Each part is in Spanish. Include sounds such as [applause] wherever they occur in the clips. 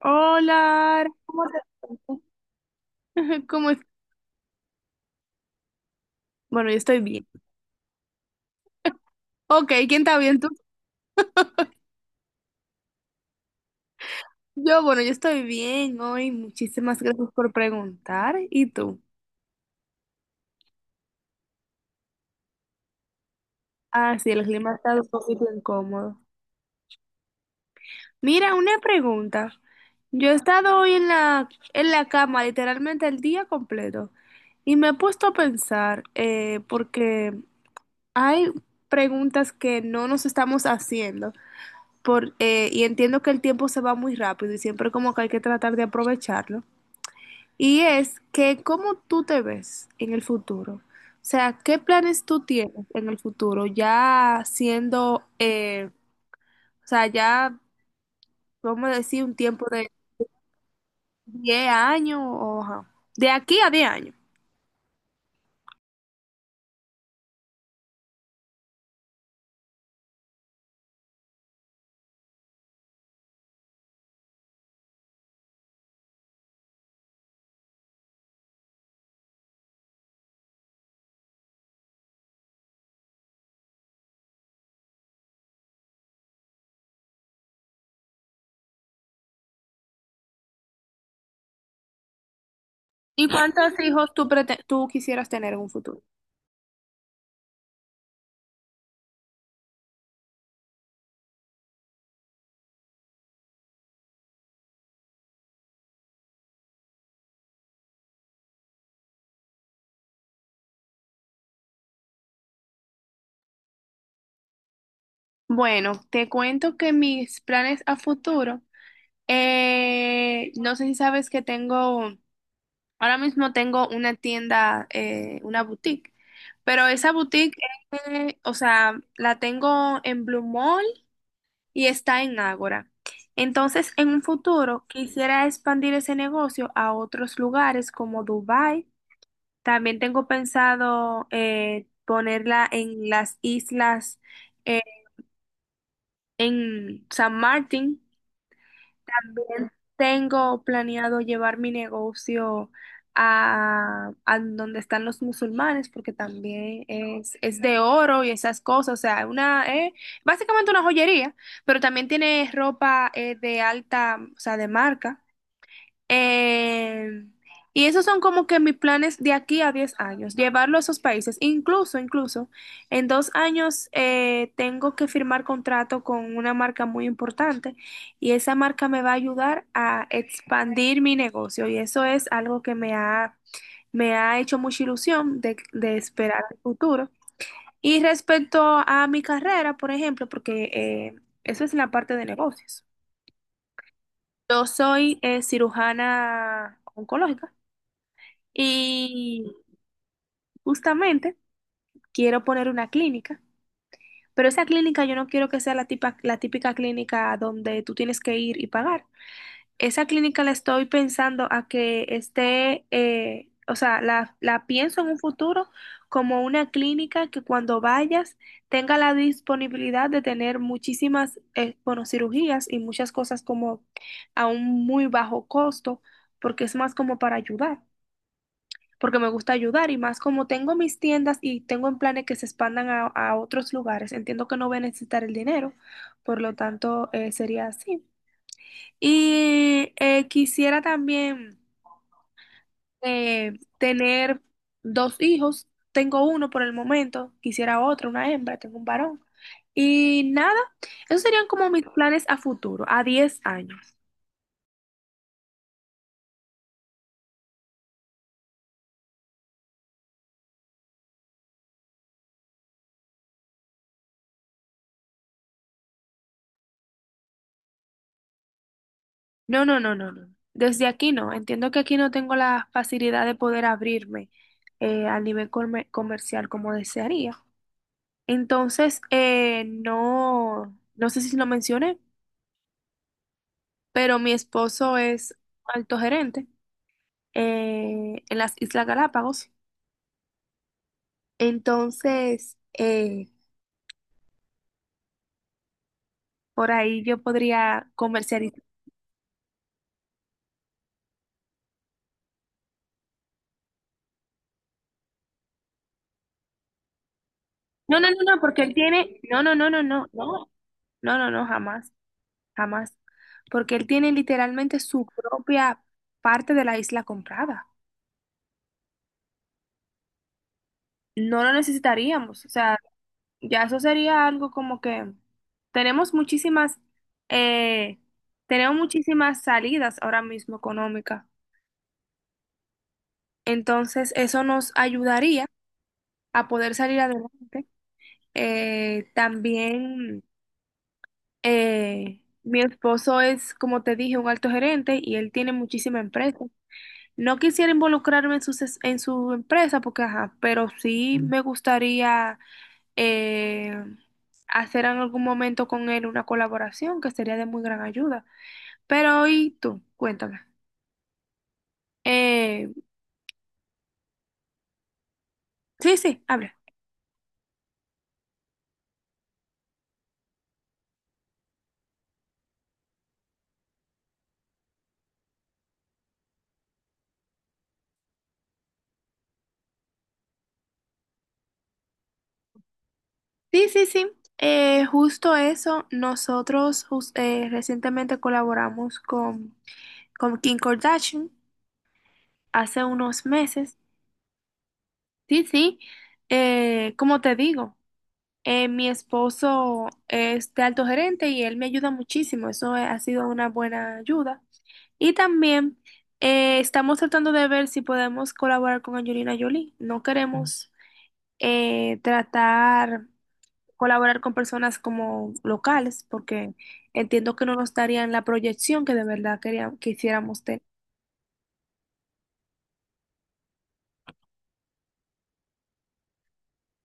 Hola, Ara, ¿cómo te- [laughs] ¿Cómo es? Bueno, yo estoy bien. Ok, ¿quién está bien? ¿Tú? Yo, bueno, yo estoy bien hoy. Muchísimas gracias por preguntar. ¿Y tú? Ah, sí, el clima ha estado un poquito incómodo. Mira, una pregunta. Yo he estado hoy en en la cama literalmente el día completo y me he puesto a pensar porque hay preguntas que no nos estamos haciendo, y entiendo que el tiempo se va muy rápido y siempre como que hay que tratar de aprovecharlo, y es que cómo tú te ves en el futuro. O sea, ¿qué planes tú tienes en el futuro? Ya siendo, ya, vamos a decir, un tiempo de 10 años o ajá, de aquí a 10 años. ¿Y cuántos hijos tú, tú quisieras tener en un futuro? Bueno, te cuento que mis planes a futuro, no sé si sabes que tengo. Ahora mismo tengo una tienda, una boutique, pero esa boutique, o sea, la tengo en Blue Mall y está en Ágora. Entonces, en un futuro quisiera expandir ese negocio a otros lugares como Dubái. También tengo pensado ponerla en las islas, eh, en San Martín. También tengo planeado llevar mi negocio a donde están los musulmanes, porque también es de oro y esas cosas. O sea, una, básicamente una joyería, pero también tiene ropa de alta, o sea, de marca. Eh, y esos son como que mis planes de aquí a 10 años, llevarlo a esos países. Incluso, en 2 años tengo que firmar contrato con una marca muy importante y esa marca me va a ayudar a expandir mi negocio y eso es algo que me ha hecho mucha ilusión de esperar el futuro. Y respecto a mi carrera, por ejemplo, porque eso es la parte de negocios. Yo soy cirujana oncológica. Y justamente quiero poner una clínica, pero esa clínica yo no quiero que sea la la típica clínica donde tú tienes que ir y pagar. Esa clínica la estoy pensando a que esté, la pienso en un futuro como una clínica que cuando vayas tenga la disponibilidad de tener muchísimas, bueno, cirugías y muchas cosas como a un muy bajo costo, porque es más como para ayudar, porque me gusta ayudar y más como tengo mis tiendas y tengo en planes que se expandan a otros lugares, entiendo que no voy a necesitar el dinero, por lo tanto sería así. Y quisiera también tener 2 hijos, tengo uno por el momento, quisiera otro, una hembra, tengo un varón. Y nada, esos serían como mis planes a futuro, a 10 años. No, no, no, no, no. Desde aquí no. Entiendo que aquí no tengo la facilidad de poder abrirme al nivel comercial como desearía. Entonces, no, no sé si lo mencioné, pero mi esposo es alto gerente en las Islas Galápagos. Entonces, por ahí yo podría comercializar. No, no, no, no, porque él tiene. No, no, no, no, no, no. No, no, no, jamás, jamás, porque él tiene literalmente su propia parte de la isla comprada. No lo necesitaríamos, o sea, ya eso sería algo como que tenemos muchísimas, eh, tenemos muchísimas salidas ahora mismo económicas. Entonces, eso nos ayudaría a poder salir adelante. Eh, también, mi esposo es, como te dije, un alto gerente y él tiene muchísima empresa. No quisiera involucrarme en su empresa porque, ajá, pero sí me gustaría eh, hacer en algún momento con él una colaboración que sería de muy gran ayuda. Pero, ¿y tú? Cuéntame. Eh, sí, sí, habla. Sí, sí, sí. Justo eso, recientemente colaboramos con Kim Kardashian hace unos meses. Sí, sí. Como te digo. Mi esposo es de alto gerente y él me ayuda muchísimo, eso ha sido una buena ayuda. Y también estamos tratando de ver si podemos colaborar con Angelina Jolie. No queremos tratar colaborar con personas como locales porque entiendo que no nos darían la proyección que de verdad quisiéramos tener.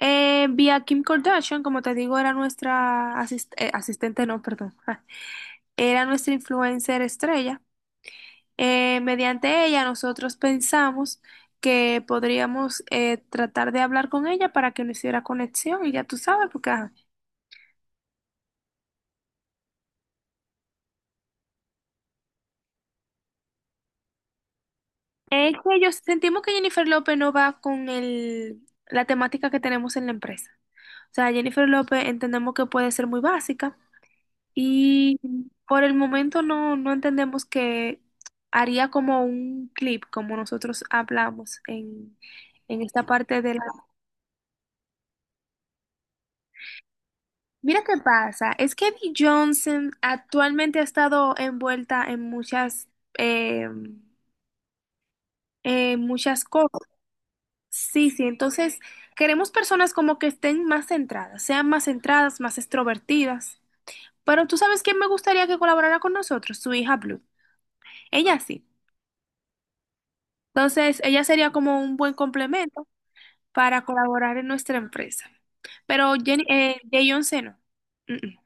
Vi a Kim Kardashian, como te digo, era nuestra asistente, no, perdón, [laughs] era nuestra influencer estrella. Mediante ella nosotros pensamos que podríamos tratar de hablar con ella para que no hiciera conexión y ya tú sabes, porque ajá. Es que yo sentimos que Jennifer López no va con la temática que tenemos en la empresa. O sea, Jennifer López entendemos que puede ser muy básica y por el momento no, no entendemos que haría como un clip, como nosotros hablamos en esta parte de la. Mira qué pasa, es que Bee Johnson actualmente ha estado envuelta en muchas, eh, en muchas cosas. Sí, sí, entonces queremos personas como que estén más centradas, sean más centradas, más extrovertidas. Pero tú sabes quién me gustaría que colaborara con nosotros, su hija Blue. Ella sí. Entonces, ella sería como un buen complemento para colaborar en nuestra empresa. Pero Jenny, Beyoncé no. Mm, mm.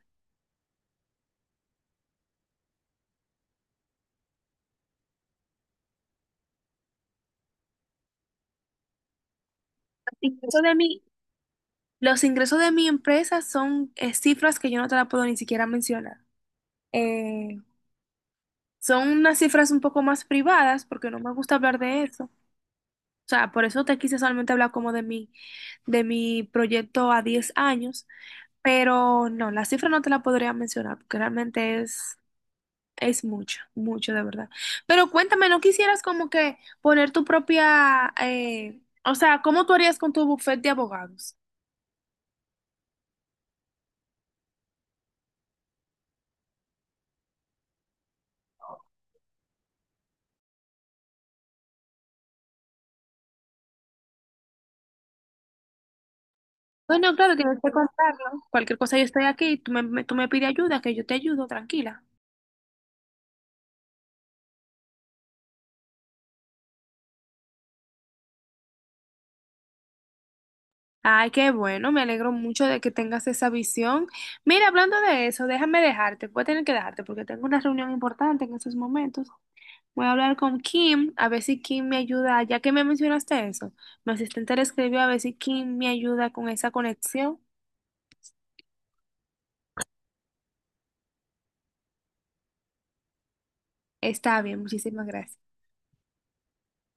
En caso de mí, los ingresos de mi empresa son cifras que yo no te la puedo ni siquiera mencionar. Eh, son unas cifras un poco más privadas porque no me gusta hablar de eso. O sea, por eso te quise solamente hablar como de mi proyecto a 10 años, pero no, la cifra no te la podría mencionar porque realmente es mucho, mucho de verdad. Pero cuéntame, ¿no quisieras como que poner tu propia, o sea, ¿cómo tú harías con tu bufete de abogados? Bueno, claro, tienes que contarlo. Cualquier cosa, yo estoy aquí, tú me pides ayuda, que yo te ayudo, tranquila. Ay, qué bueno, me alegro mucho de que tengas esa visión. Mira, hablando de eso, déjame dejarte, voy a tener que dejarte porque tengo una reunión importante en estos momentos. Voy a hablar con Kim, a ver si Kim me ayuda, ya que me mencionaste eso. Mi asistente le escribió a ver si Kim me ayuda con esa conexión. Está bien, muchísimas gracias.